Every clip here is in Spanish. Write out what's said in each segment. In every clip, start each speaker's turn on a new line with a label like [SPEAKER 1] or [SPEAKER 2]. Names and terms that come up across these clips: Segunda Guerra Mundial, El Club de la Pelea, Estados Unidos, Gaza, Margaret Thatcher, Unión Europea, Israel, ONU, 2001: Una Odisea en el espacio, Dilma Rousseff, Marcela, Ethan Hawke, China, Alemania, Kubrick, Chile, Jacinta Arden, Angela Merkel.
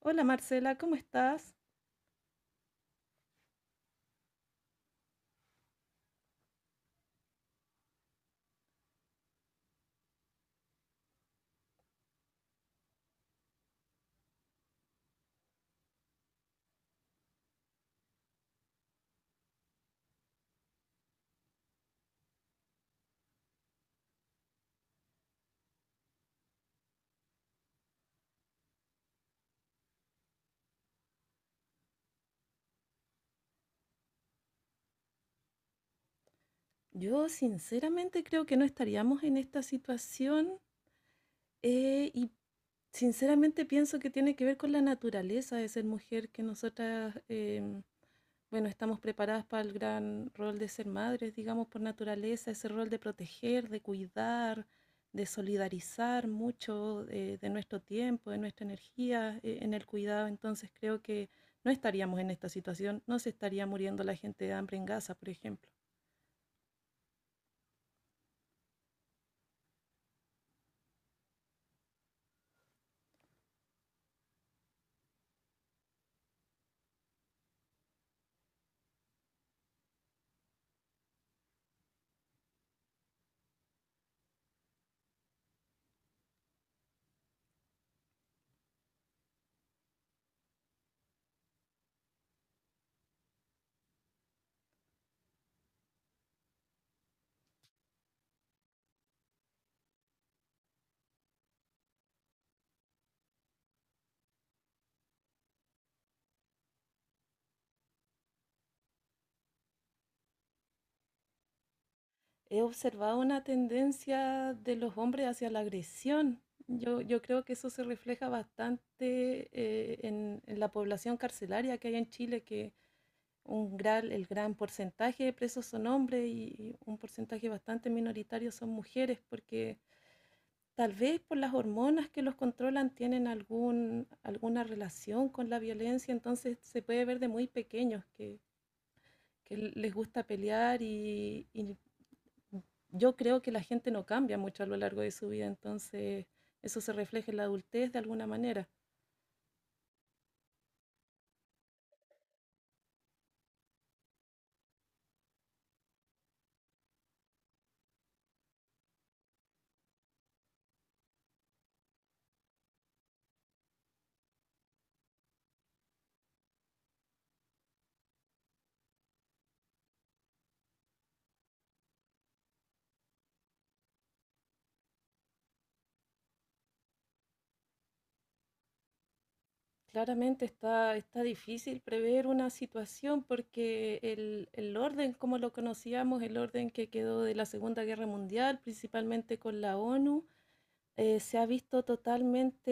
[SPEAKER 1] Hola Marcela, ¿cómo estás? Yo sinceramente creo que no estaríamos en esta situación y sinceramente pienso que tiene que ver con la naturaleza de ser mujer, que nosotras, bueno, estamos preparadas para el gran rol de ser madres, digamos, por naturaleza, ese rol de proteger, de cuidar, de solidarizar mucho de nuestro tiempo, de nuestra energía en el cuidado. Entonces creo que no estaríamos en esta situación, no se estaría muriendo la gente de hambre en Gaza, por ejemplo. He observado una tendencia de los hombres hacia la agresión. Yo creo que eso se refleja bastante en la población carcelaria que hay en Chile, que un gran, el gran porcentaje de presos son hombres y un porcentaje bastante minoritario son mujeres, porque tal vez por las hormonas que los controlan tienen alguna relación con la violencia, entonces se puede ver de muy pequeños que les gusta pelear y yo creo que la gente no cambia mucho a lo largo de su vida, entonces eso se refleja en la adultez de alguna manera. Claramente está difícil prever una situación porque el orden, como lo conocíamos, el orden que quedó de la Segunda Guerra Mundial, principalmente con la ONU, se ha visto totalmente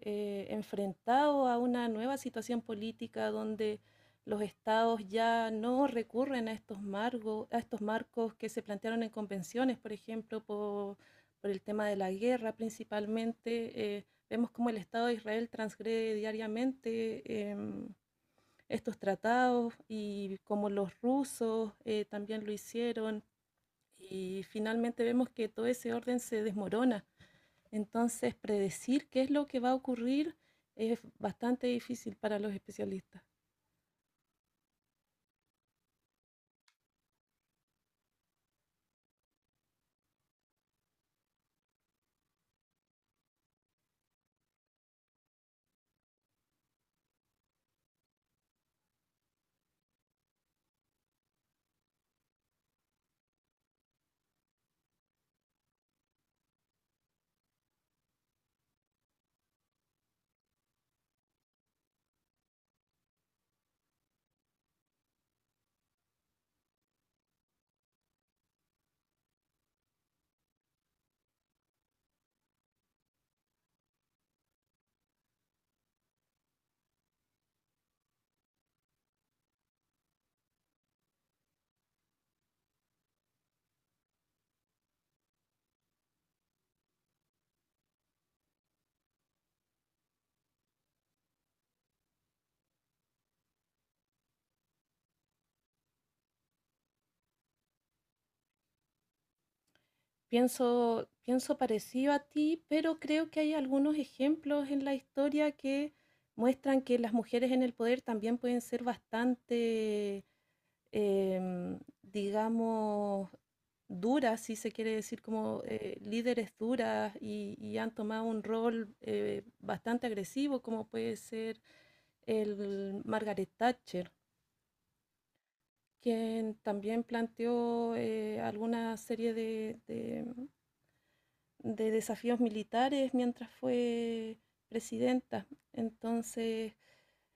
[SPEAKER 1] enfrentado a una nueva situación política donde los estados ya no recurren a estos margos, a estos marcos que se plantearon en convenciones, por ejemplo, por el tema de la guerra principalmente. Vemos cómo el Estado de Israel transgrede diariamente estos tratados y como los rusos también lo hicieron. Y finalmente vemos que todo ese orden se desmorona. Entonces, predecir qué es lo que va a ocurrir es bastante difícil para los especialistas. Pienso parecido a ti, pero creo que hay algunos ejemplos en la historia que muestran que las mujeres en el poder también pueden ser bastante, digamos, duras, si se quiere decir, como líderes duras han tomado un rol bastante agresivo, como puede ser el Margaret Thatcher, quien también planteó alguna serie de desafíos militares mientras fue presidenta. Entonces,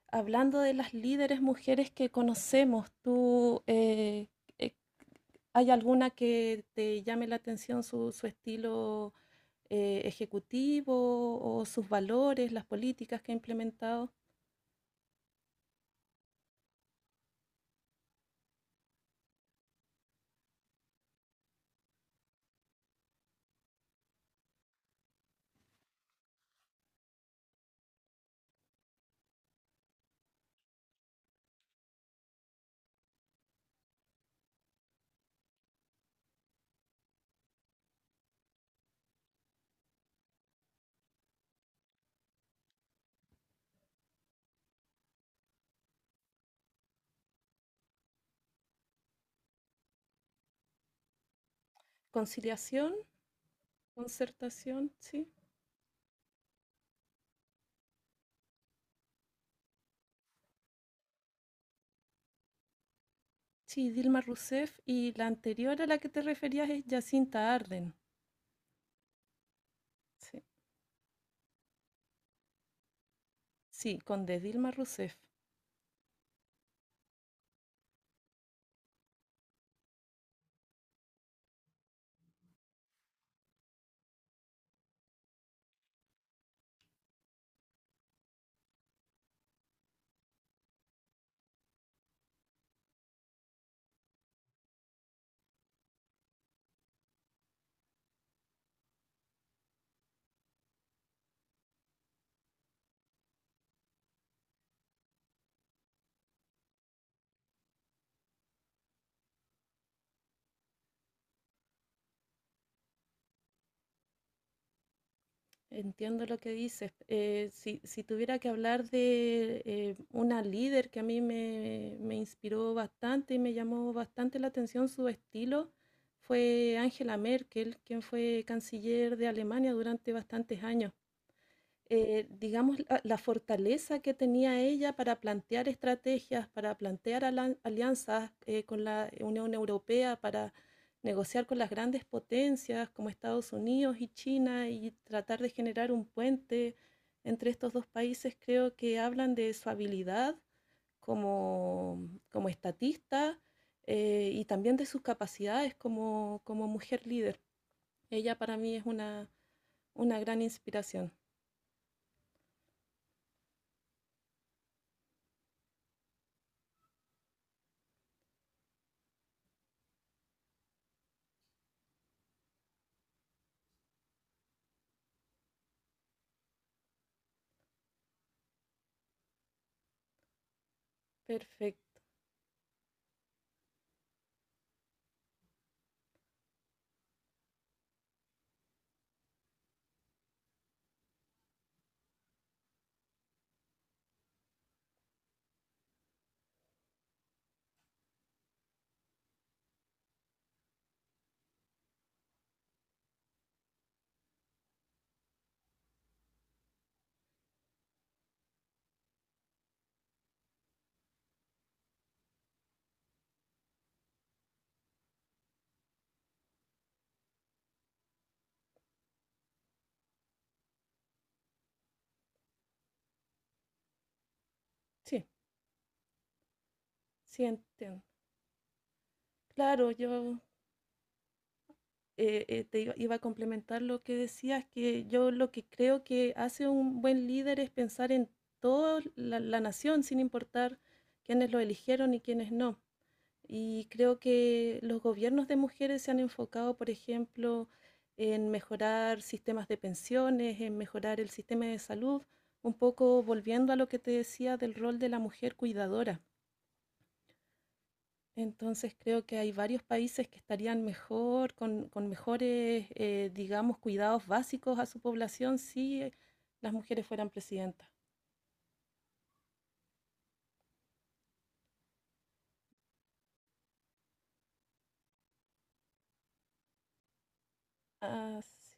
[SPEAKER 1] hablando de las líderes mujeres que conocemos, ¿tú eh, hay alguna que te llame la atención su estilo ejecutivo o sus valores, las políticas que ha implementado? Conciliación. Concertación, sí. Sí, Dilma Rousseff y la anterior a la que te referías es Jacinta Arden. Sí, sí, con de Dilma Rousseff. Entiendo lo que dices. Si tuviera que hablar de una líder que a me inspiró bastante y me llamó bastante la atención su estilo, fue Angela Merkel, quien fue canciller de Alemania durante bastantes años. Digamos, la fortaleza que tenía ella para plantear estrategias, para plantear alianzas con la Unión Europea, para negociar con las grandes potencias como Estados Unidos y China y tratar de generar un puente entre estos dos países, creo que hablan de su habilidad como estatista y también de sus capacidades como mujer líder. Ella para mí es una gran inspiración. Perfecto. Sí. Sí, entiendo. Claro, yo iba a complementar lo que decías, que yo lo que creo que hace un buen líder es pensar en toda la nación, sin importar quiénes lo eligieron y quiénes no. Y creo que los gobiernos de mujeres se han enfocado, por ejemplo, en mejorar sistemas de pensiones, en mejorar el sistema de salud, un poco volviendo a lo que te decía del rol de la mujer cuidadora. Entonces creo que hay varios países que estarían mejor, con mejores, digamos, cuidados básicos a su población si las mujeres fueran presidentas. Ah, sí.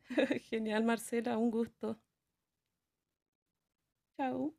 [SPEAKER 1] Genial, Marcela, un gusto. Chao.